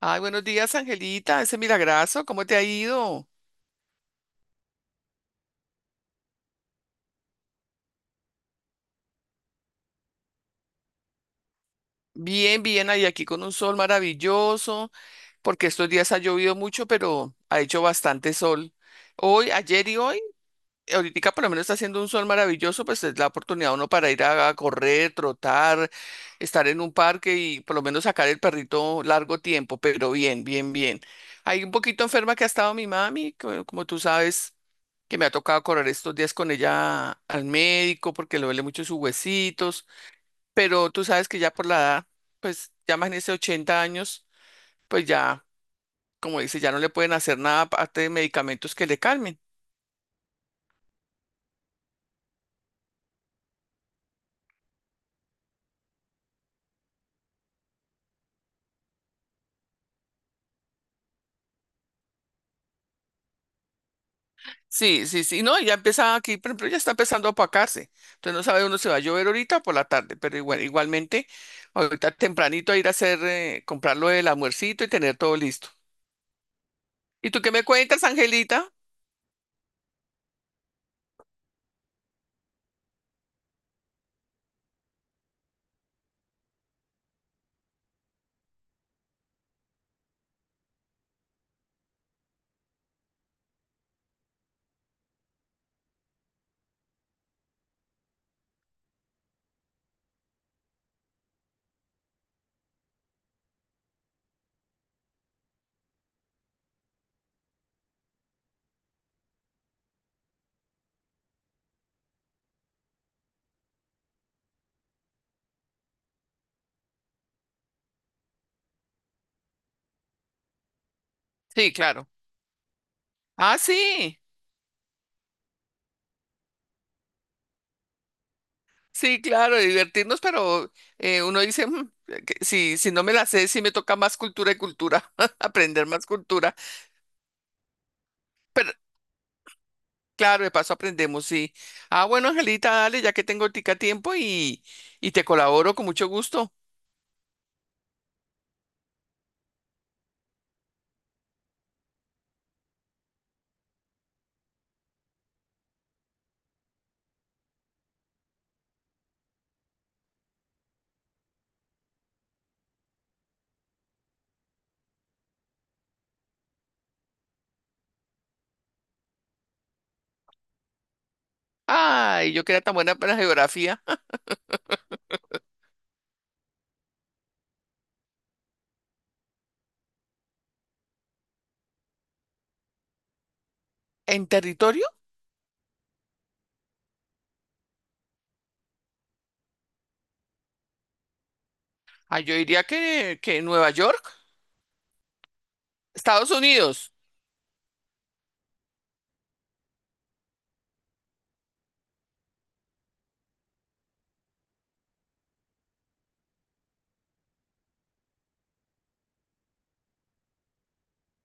Ay, buenos días, Angelita, ese milagrazo, ¿cómo te ha ido? Bien, bien, ahí aquí con un sol maravilloso, porque estos días ha llovido mucho, pero ha hecho bastante sol. Hoy, ayer y hoy ahorita por lo menos está haciendo un sol maravilloso, pues es la oportunidad uno para ir a correr, trotar, estar en un parque y por lo menos sacar el perrito largo tiempo, pero bien, bien, bien. Hay un poquito enferma que ha estado mi mami, como tú sabes, que me ha tocado correr estos días con ella al médico porque le duele mucho sus huesitos, pero tú sabes que ya por la edad, pues ya más en ese 80 años, pues ya, como dice, ya no le pueden hacer nada aparte de medicamentos que le calmen. Sí, sí, sí, no, ya empieza aquí, por ejemplo, ya está empezando a apacarse, entonces no sabe uno si va a llover ahorita o por la tarde, pero igual, igualmente, ahorita tempranito a ir a hacer, comprarlo el almuercito y tener todo listo. ¿Y tú qué me cuentas, Angelita? Sí, claro. Ah, sí, sí, claro, divertirnos, pero uno dice, "Mm, que si no me la sé, sí me toca más cultura y cultura, aprender más cultura." Claro, de paso aprendemos, sí. Ah, bueno, Angelita, dale, ya que tengo tica tiempo y te colaboro con mucho gusto. Ay, yo que era tan buena para la geografía. ¿En territorio? Ay, yo diría que Nueva York, Estados Unidos,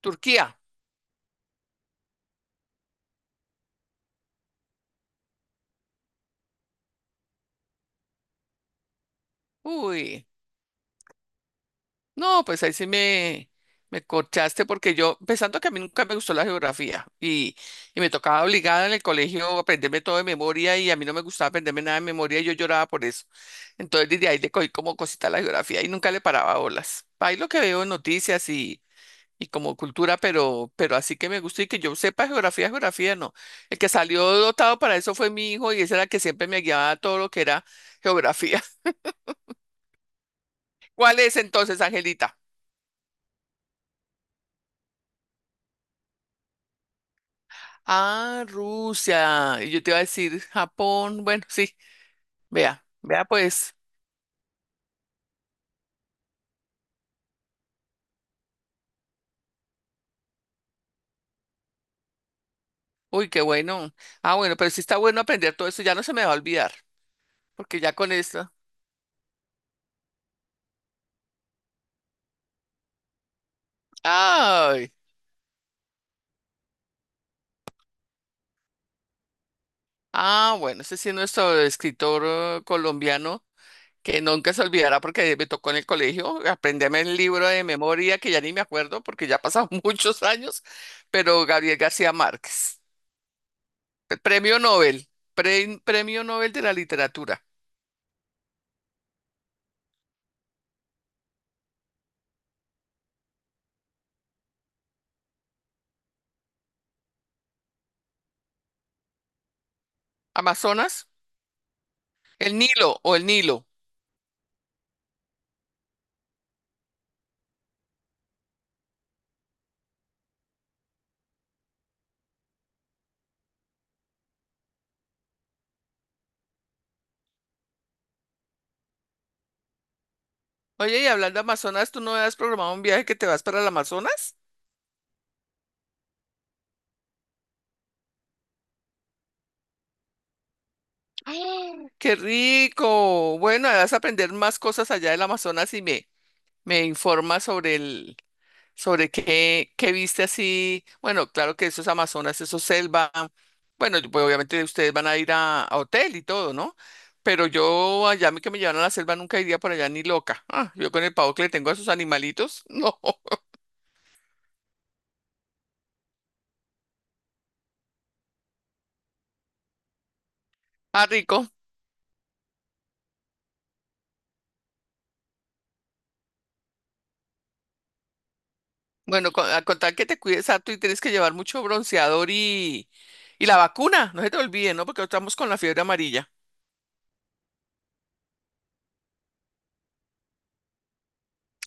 Turquía. Uy, no, pues ahí sí me corchaste porque yo, pensando que a mí nunca me gustó la geografía y me tocaba obligada en el colegio aprenderme todo de memoria y a mí no me gustaba aprenderme nada de memoria y yo lloraba por eso. Entonces desde ahí le cogí como cosita a la geografía y nunca le paraba bolas. Ahí lo que veo en noticias y como cultura, pero así que me gusta y que yo sepa geografía, geografía no. El que salió dotado para eso fue mi hijo y ese era el que siempre me guiaba a todo lo que era geografía. ¿Cuál es entonces, Angelita? Ah, Rusia. Y yo te iba a decir Japón. Bueno, sí, vea, vea pues. Uy, qué bueno. Ah, bueno, pero sí está bueno aprender todo eso, ya no se me va a olvidar, porque ya con esto. Ay. Ah, bueno, ese sí es nuestro escritor colombiano. Que nunca se olvidará porque me tocó en el colegio aprenderme el libro de memoria que ya ni me acuerdo porque ya pasaron muchos años, pero Gabriel García Márquez, premio Nobel, premio Nobel de la literatura. Amazonas, el Nilo o el Nilo. Oye, y hablando de Amazonas, ¿tú no has programado un viaje que te vas para el Amazonas? ¡Ah! ¡Qué rico! Bueno, vas a aprender más cosas allá del Amazonas y me informas sobre qué viste así. Bueno, claro que eso es Amazonas, eso es selva. Bueno, pues obviamente ustedes van a ir a hotel y todo, ¿no? Pero yo allá a mí que me llevan a la selva nunca iría por allá ni loca. Ah, yo con el pavo que le tengo a esos animalitos, no. Ah, rico. Bueno, a contar que te cuides harto y tienes que llevar mucho bronceador y la vacuna, no se te olvide, ¿no? Porque estamos con la fiebre amarilla.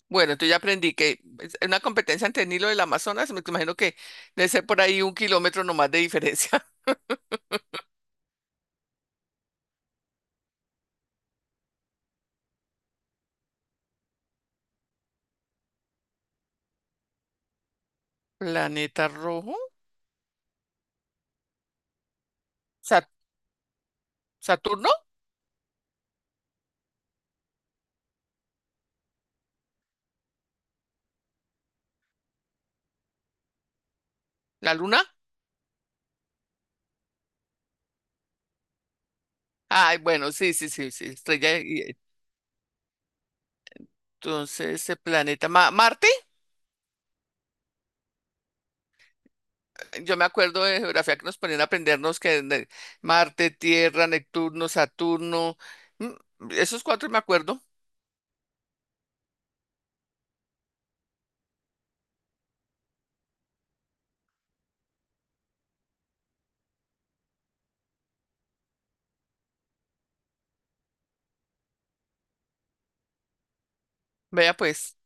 Bueno, entonces ya aprendí que es una competencia entre el Nilo y el Amazonas, me imagino que debe ser por ahí un kilómetro nomás de diferencia. ¿Planeta rojo? ¿Sa- ¿Saturno? ¿La luna? Ay, bueno, sí, sí, sí, sí, estrella. Entonces, ese planeta, Marte, yo me acuerdo de geografía que nos ponían a aprendernos Marte, Tierra, Neptuno, Saturno, esos cuatro me acuerdo. Vea pues,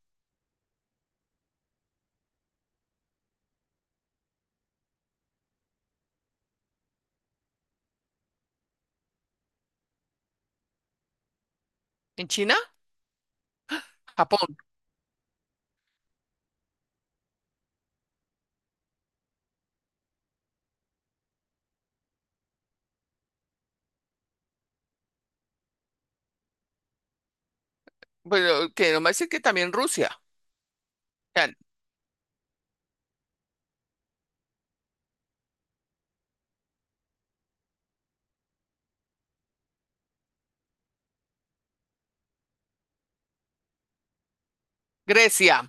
en China, Japón, bueno, que no me dicen que también Rusia, o Grecia.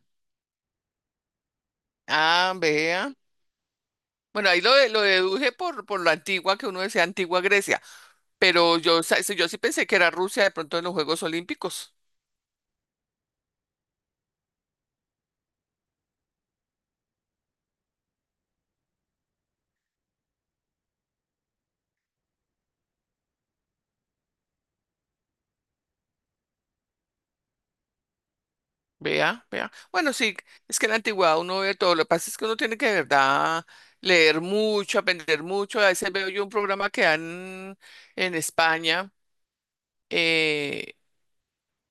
Ah, vea. Bueno, ahí lo deduje por, lo antigua que uno decía, antigua Grecia. Pero yo, sí, yo sí pensé que era Rusia de pronto en los Juegos Olímpicos. Vea, vea. Bueno, sí, es que en la antigüedad uno ve todo. Lo que pasa es que uno tiene que de verdad leer mucho, aprender mucho. A veces veo yo un programa que dan en España. eh,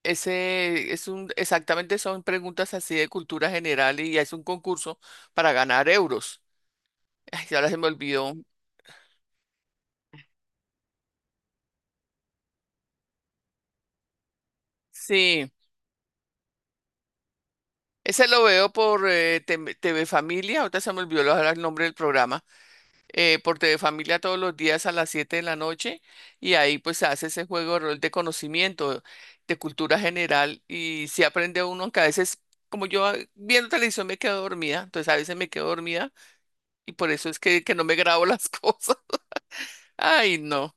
Ese es exactamente son preguntas así de cultura general y es un concurso para ganar euros. Ay, ahora se me olvidó. Sí, ese lo veo por TV Familia. Ahorita se me olvidó ahora el nombre del programa. Por TV Familia todos los días a las 7 de la noche y ahí pues se hace ese juego de rol de conocimiento, de cultura general y si aprende uno, aunque a veces como yo ah, viendo televisión me quedo dormida, entonces a veces me quedo dormida y por eso es que, no me grabo las cosas. Ay, no.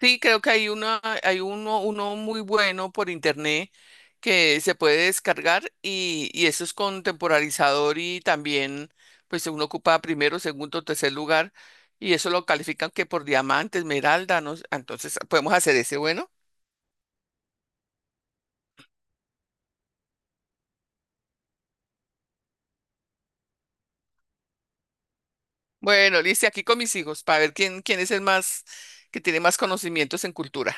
Sí, creo que hay uno muy bueno por internet que se puede descargar y eso es con temporalizador y también, pues uno ocupa primero, segundo, tercer lugar y eso lo califican que por diamante, esmeralda, ¿no? Entonces podemos hacer ese, bueno. Bueno, listo, aquí con mis hijos para ver quién es el más, que tiene más conocimientos en cultura.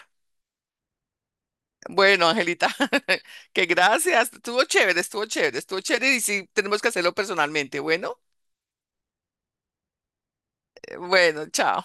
Bueno, Angelita, que gracias, estuvo chévere, estuvo chévere, estuvo chévere y sí, tenemos que hacerlo personalmente, bueno. Bueno, chao.